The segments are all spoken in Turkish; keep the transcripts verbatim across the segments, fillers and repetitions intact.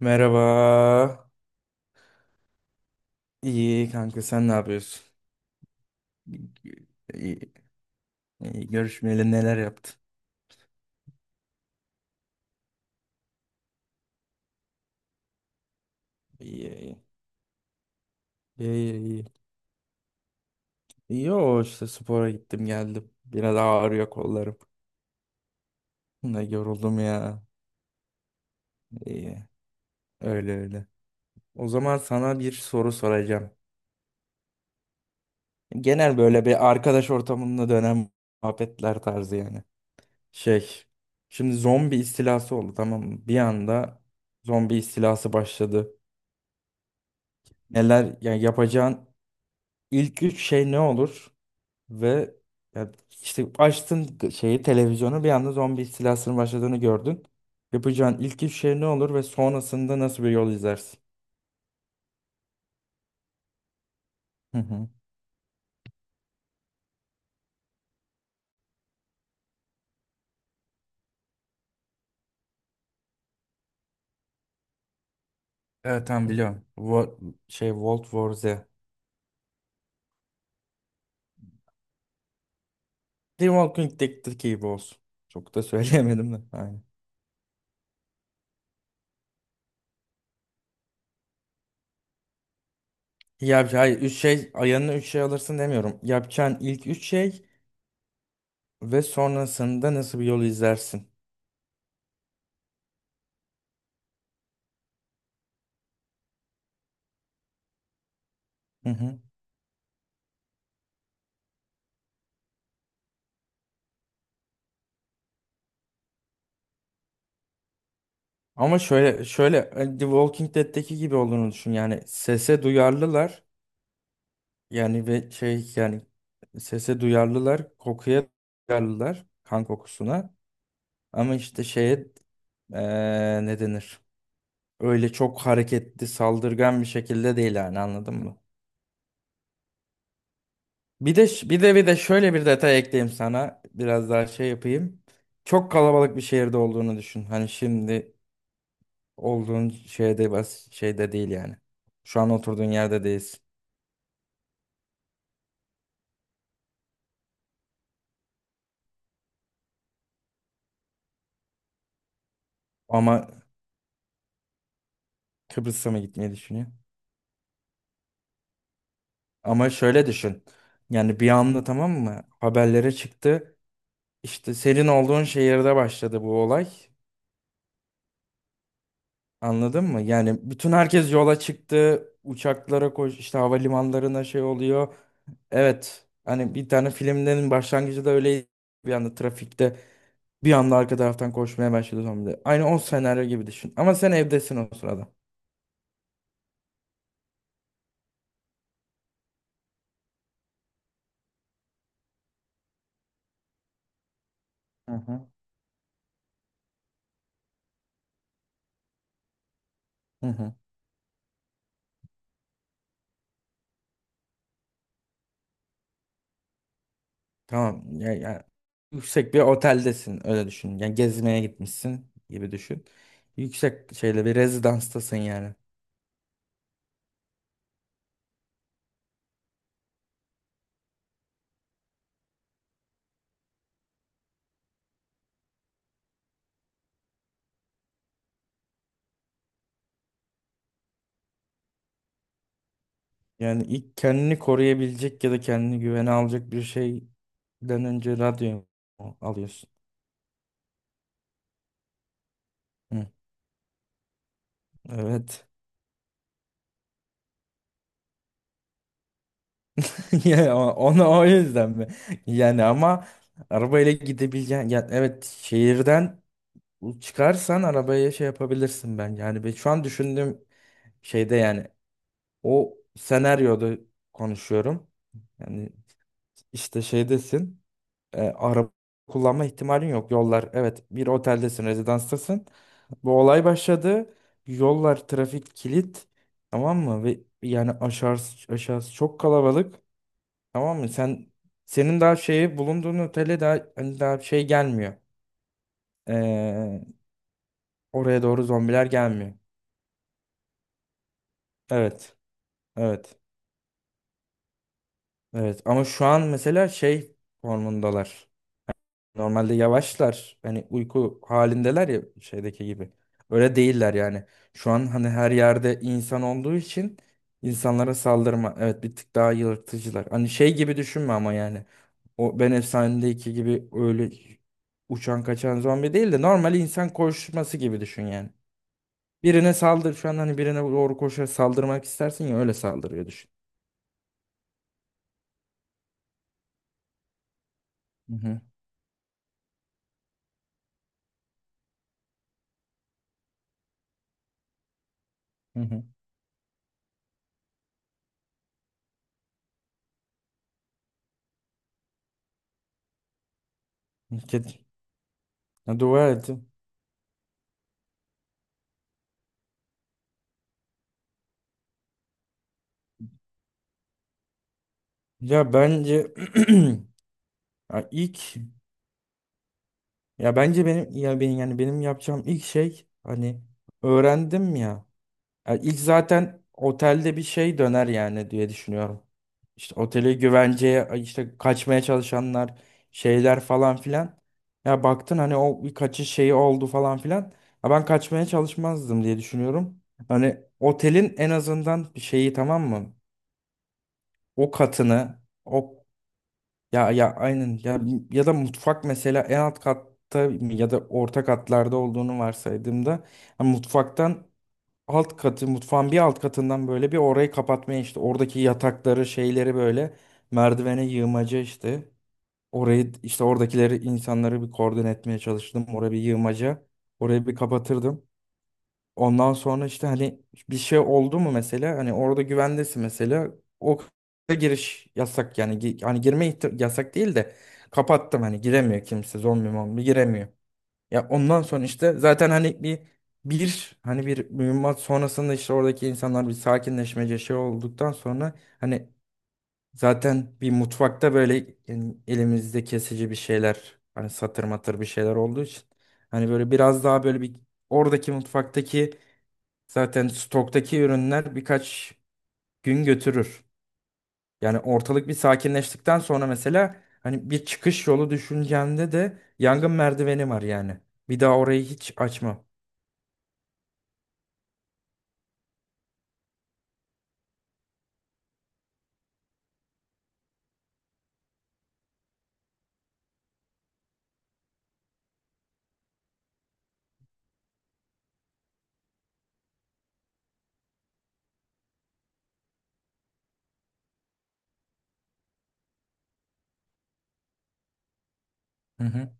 Merhaba. İyi kanka, sen ne yapıyorsun? İyi, iyi. Görüşmeyeli neler yaptın? İyi iyi. İyi iyi. İyi. Yo, işte spora gittim geldim. Biraz ağrıyor kollarım. Ne yoruldum ya. İyi. Öyle öyle. O zaman sana bir soru soracağım. Genel böyle bir arkadaş ortamında dönen muhabbetler tarzı yani. Şey. Şimdi zombi istilası oldu, tamam mı? Bir anda zombi istilası başladı. Neler yani yapacağın İlk üç şey ne olur? Ve ya işte açtın şeyi, televizyonu, bir anda zombi istilasının başladığını gördün. Yapacağın ilk üç şey ne olur ve sonrasında nasıl bir yol izlersin? Hı hı. Evet, tamam, biliyorum. Wo- şey World War Z. The Walking Dead'teki gibi olsun. Çok da söyleyemedim de. Aynen. Ya hayır, üç şey ayağına üç şey alırsın demiyorum. Yapacağın ilk üç şey ve sonrasında nasıl bir yol izlersin? Hı hı. Ama şöyle şöyle hani The Walking Dead'teki gibi olduğunu düşün. Yani sese duyarlılar. Yani ve şey yani sese duyarlılar, kokuya duyarlılar, kan kokusuna. Ama işte şeye eee ne denir? Öyle çok hareketli, saldırgan bir şekilde değil yani, anladın mı? Bir de bir de bir de şöyle bir detay ekleyeyim sana. Biraz daha şey yapayım. Çok kalabalık bir şehirde olduğunu düşün. Hani şimdi olduğun şeyde bas şeyde değil yani. Şu an oturduğun yerde değilsin. Ama Kıbrıs'a mı gitmeyi düşünüyor? Ama şöyle düşün. Yani bir anda, tamam mı? Haberlere çıktı. İşte senin olduğun şehirde başladı bu olay. Anladın mı? Yani bütün herkes yola çıktı. Uçaklara koş, işte havalimanlarına şey oluyor. Evet. Hani bir tane filmlerin başlangıcı da öyle, bir anda trafikte bir anda arka taraftan koşmaya başladı zombiler. Aynı o senaryo gibi düşün. Ama sen evdesin o sırada. Hı hı. Hı hı. Tamam. Ya, ya, yüksek bir oteldesin, öyle düşün. Yani gezmeye gitmişsin gibi düşün. Yüksek şeyle bir rezidanstasın yani. Yani ilk kendini koruyabilecek ya da kendini güvene alacak bir şeyden önce radyo alıyorsun. Hı, evet. Ya o- onu o yüzden mi? Yani ama arabayla gidebileceğin yani evet, şehirden çıkarsan arabaya şey yapabilirsin ben. Yani ben şu an düşündüğüm şeyde yani, o senaryoda konuşuyorum. Yani işte şeydesin. E, araba kullanma ihtimalin yok. Yollar, evet, bir oteldesin, rezidanstasın. Bu olay başladı. Yollar trafik kilit. Tamam mı? Ve yani aşağısı, aşağısı çok kalabalık. Tamam mı? Sen senin daha şeyi bulunduğun otele daha hani daha şey gelmiyor. Ee, oraya doğru zombiler gelmiyor. Evet. Evet. Evet. Ama şu an mesela şey formundalar. Normalde yavaşlar. Hani uyku halindeler ya şeydeki gibi. Öyle değiller yani. Şu an hani her yerde insan olduğu için insanlara saldırma. Evet, bir tık daha yırtıcılar. Hani şey gibi düşünme ama yani. O Ben Efsane'deki gibi öyle uçan kaçan zombi değil de normal insan koşması gibi düşün yani. Birine saldır şu an hani birine doğru koşarak saldırmak istersin ya, öyle saldırıyor düşün. Hı hı hı. hı. Ket- Ya dua ettim. Ya bence ya ilk ya bence benim ya benim yani benim yapacağım ilk şey hani öğrendim ya. Yani ilk zaten otelde bir şey döner yani diye düşünüyorum. İşte oteli güvenceye, işte kaçmaya çalışanlar, şeyler falan filan. Ya baktın hani o bir kaçış şeyi oldu falan filan. Ya ben kaçmaya çalışmazdım diye düşünüyorum. Hani otelin en azından şeyi, tamam mı? O katını o ya ya aynen ya, ya da mutfak mesela en alt katta ya da orta katlarda olduğunu varsaydığımda hani mutfaktan, alt katı, mutfağın bir alt katından böyle bir orayı kapatmaya, işte oradaki yatakları şeyleri böyle merdivene yığmaca, işte orayı, işte oradakileri insanları bir koordine etmeye çalıştım, oraya bir yığmaca, orayı bir kapatırdım. Ondan sonra işte hani bir şey oldu mu mesela hani orada güvendesin mesela o k- giriş yasak yani, Gi- hani girme ihti- yasak değil de kapattım, hani giremiyor kimse, zombi mombi giremiyor. Ya ondan sonra işte zaten hani bir bir hani bir mühimmat sonrasında işte oradaki insanlar bir sakinleşmece şey olduktan sonra hani zaten bir mutfakta böyle yani elimizde kesici bir şeyler hani satır matır bir şeyler olduğu için hani böyle biraz daha böyle bir oradaki mutfaktaki, zaten stoktaki ürünler birkaç gün götürür. Yani ortalık bir sakinleştikten sonra mesela hani bir çıkış yolu düşüncende de yangın merdiveni var yani. Bir daha orayı hiç açma. Hı hı.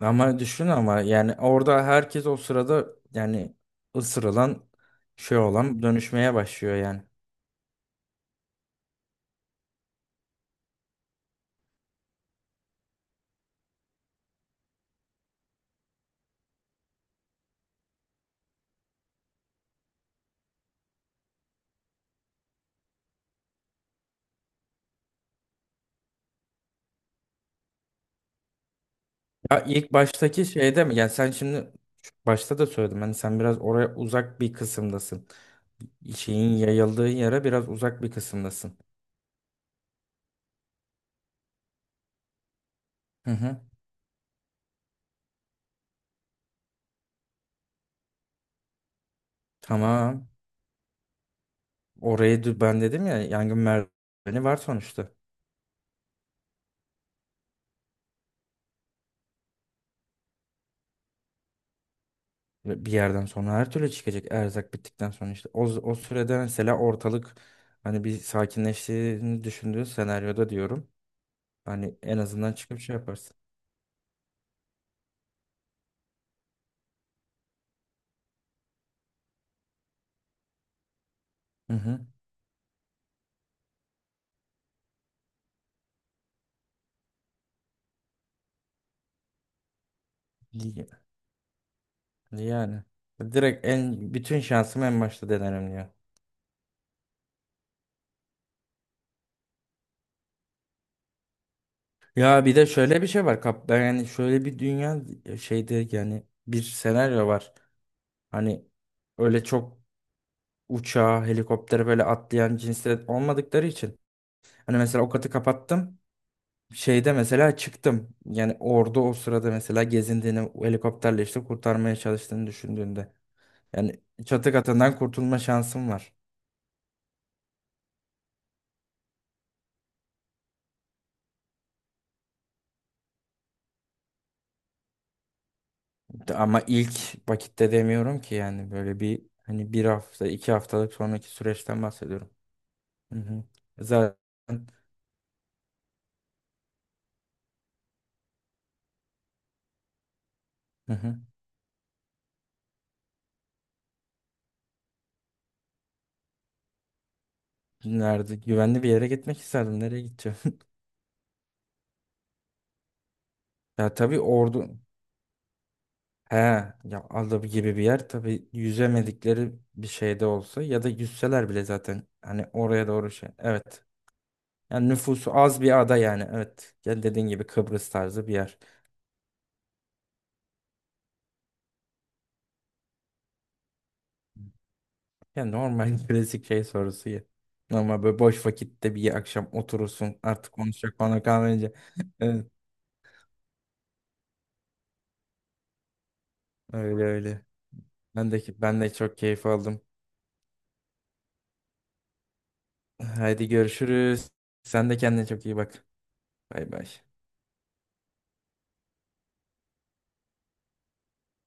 Ama düşün ama yani orada herkes o sırada yani ısırılan, şey olan dönüşmeye başlıyor yani. Ya ilk baştaki şeyde mi? Yani sen şimdi şu başta da söyledim. Hani sen biraz oraya uzak bir kısımdasın. Şeyin yayıldığı yere biraz uzak bir kısımdasın. Hı hı. Tamam. Orayı dü- ben dedim ya, yangın merdiveni var sonuçta. Ve bir yerden sonra her türlü çıkacak erzak bittikten sonra işte. O, o sürede mesela ortalık hani bir sakinleştiğini düşündüğü senaryoda diyorum. Hani en azından çıkıp şey yaparsın. Hı hı. Y- Yani. Direkt en bütün şansımı en başta denerim diyor. Ya bir de şöyle bir şey var kap ben yani şöyle bir dünya, e, şeyde yani bir senaryo var. Hani öyle çok uçağa, helikoptere böyle atlayan cinsler olmadıkları için hani mesela o katı kapattım. Şeyde mesela çıktım. Yani orada o sırada mesela gezindiğini, o helikopterle işte kurtarmaya çalıştığını düşündüğünde. Yani çatı katından kurtulma şansım var. Ama ilk vakitte demiyorum ki yani, böyle bir hani bir hafta, iki haftalık sonraki süreçten bahsediyorum. Hı hı. Zaten hı hı. Nerede? Güvenli bir yere gitmek isterdim. Nereye gideceğim? Ya tabii ordu. He, ya Aldab gibi bir yer tabii, yüzemedikleri bir şeyde olsa ya da yüzseler bile zaten hani oraya doğru şey. Evet. Yani nüfusu az bir ada yani. Evet. Yani dediğin gibi Kıbrıs tarzı bir yer. Yani normal klasik şey sorusu ya. Normal böyle boş vakitte bir akşam oturursun artık konuşacak bana kalmayınca. Evet, öyle öyle. Ben de ben de çok keyif aldım. Haydi görüşürüz. Sen de kendine çok iyi bak. Bay bay.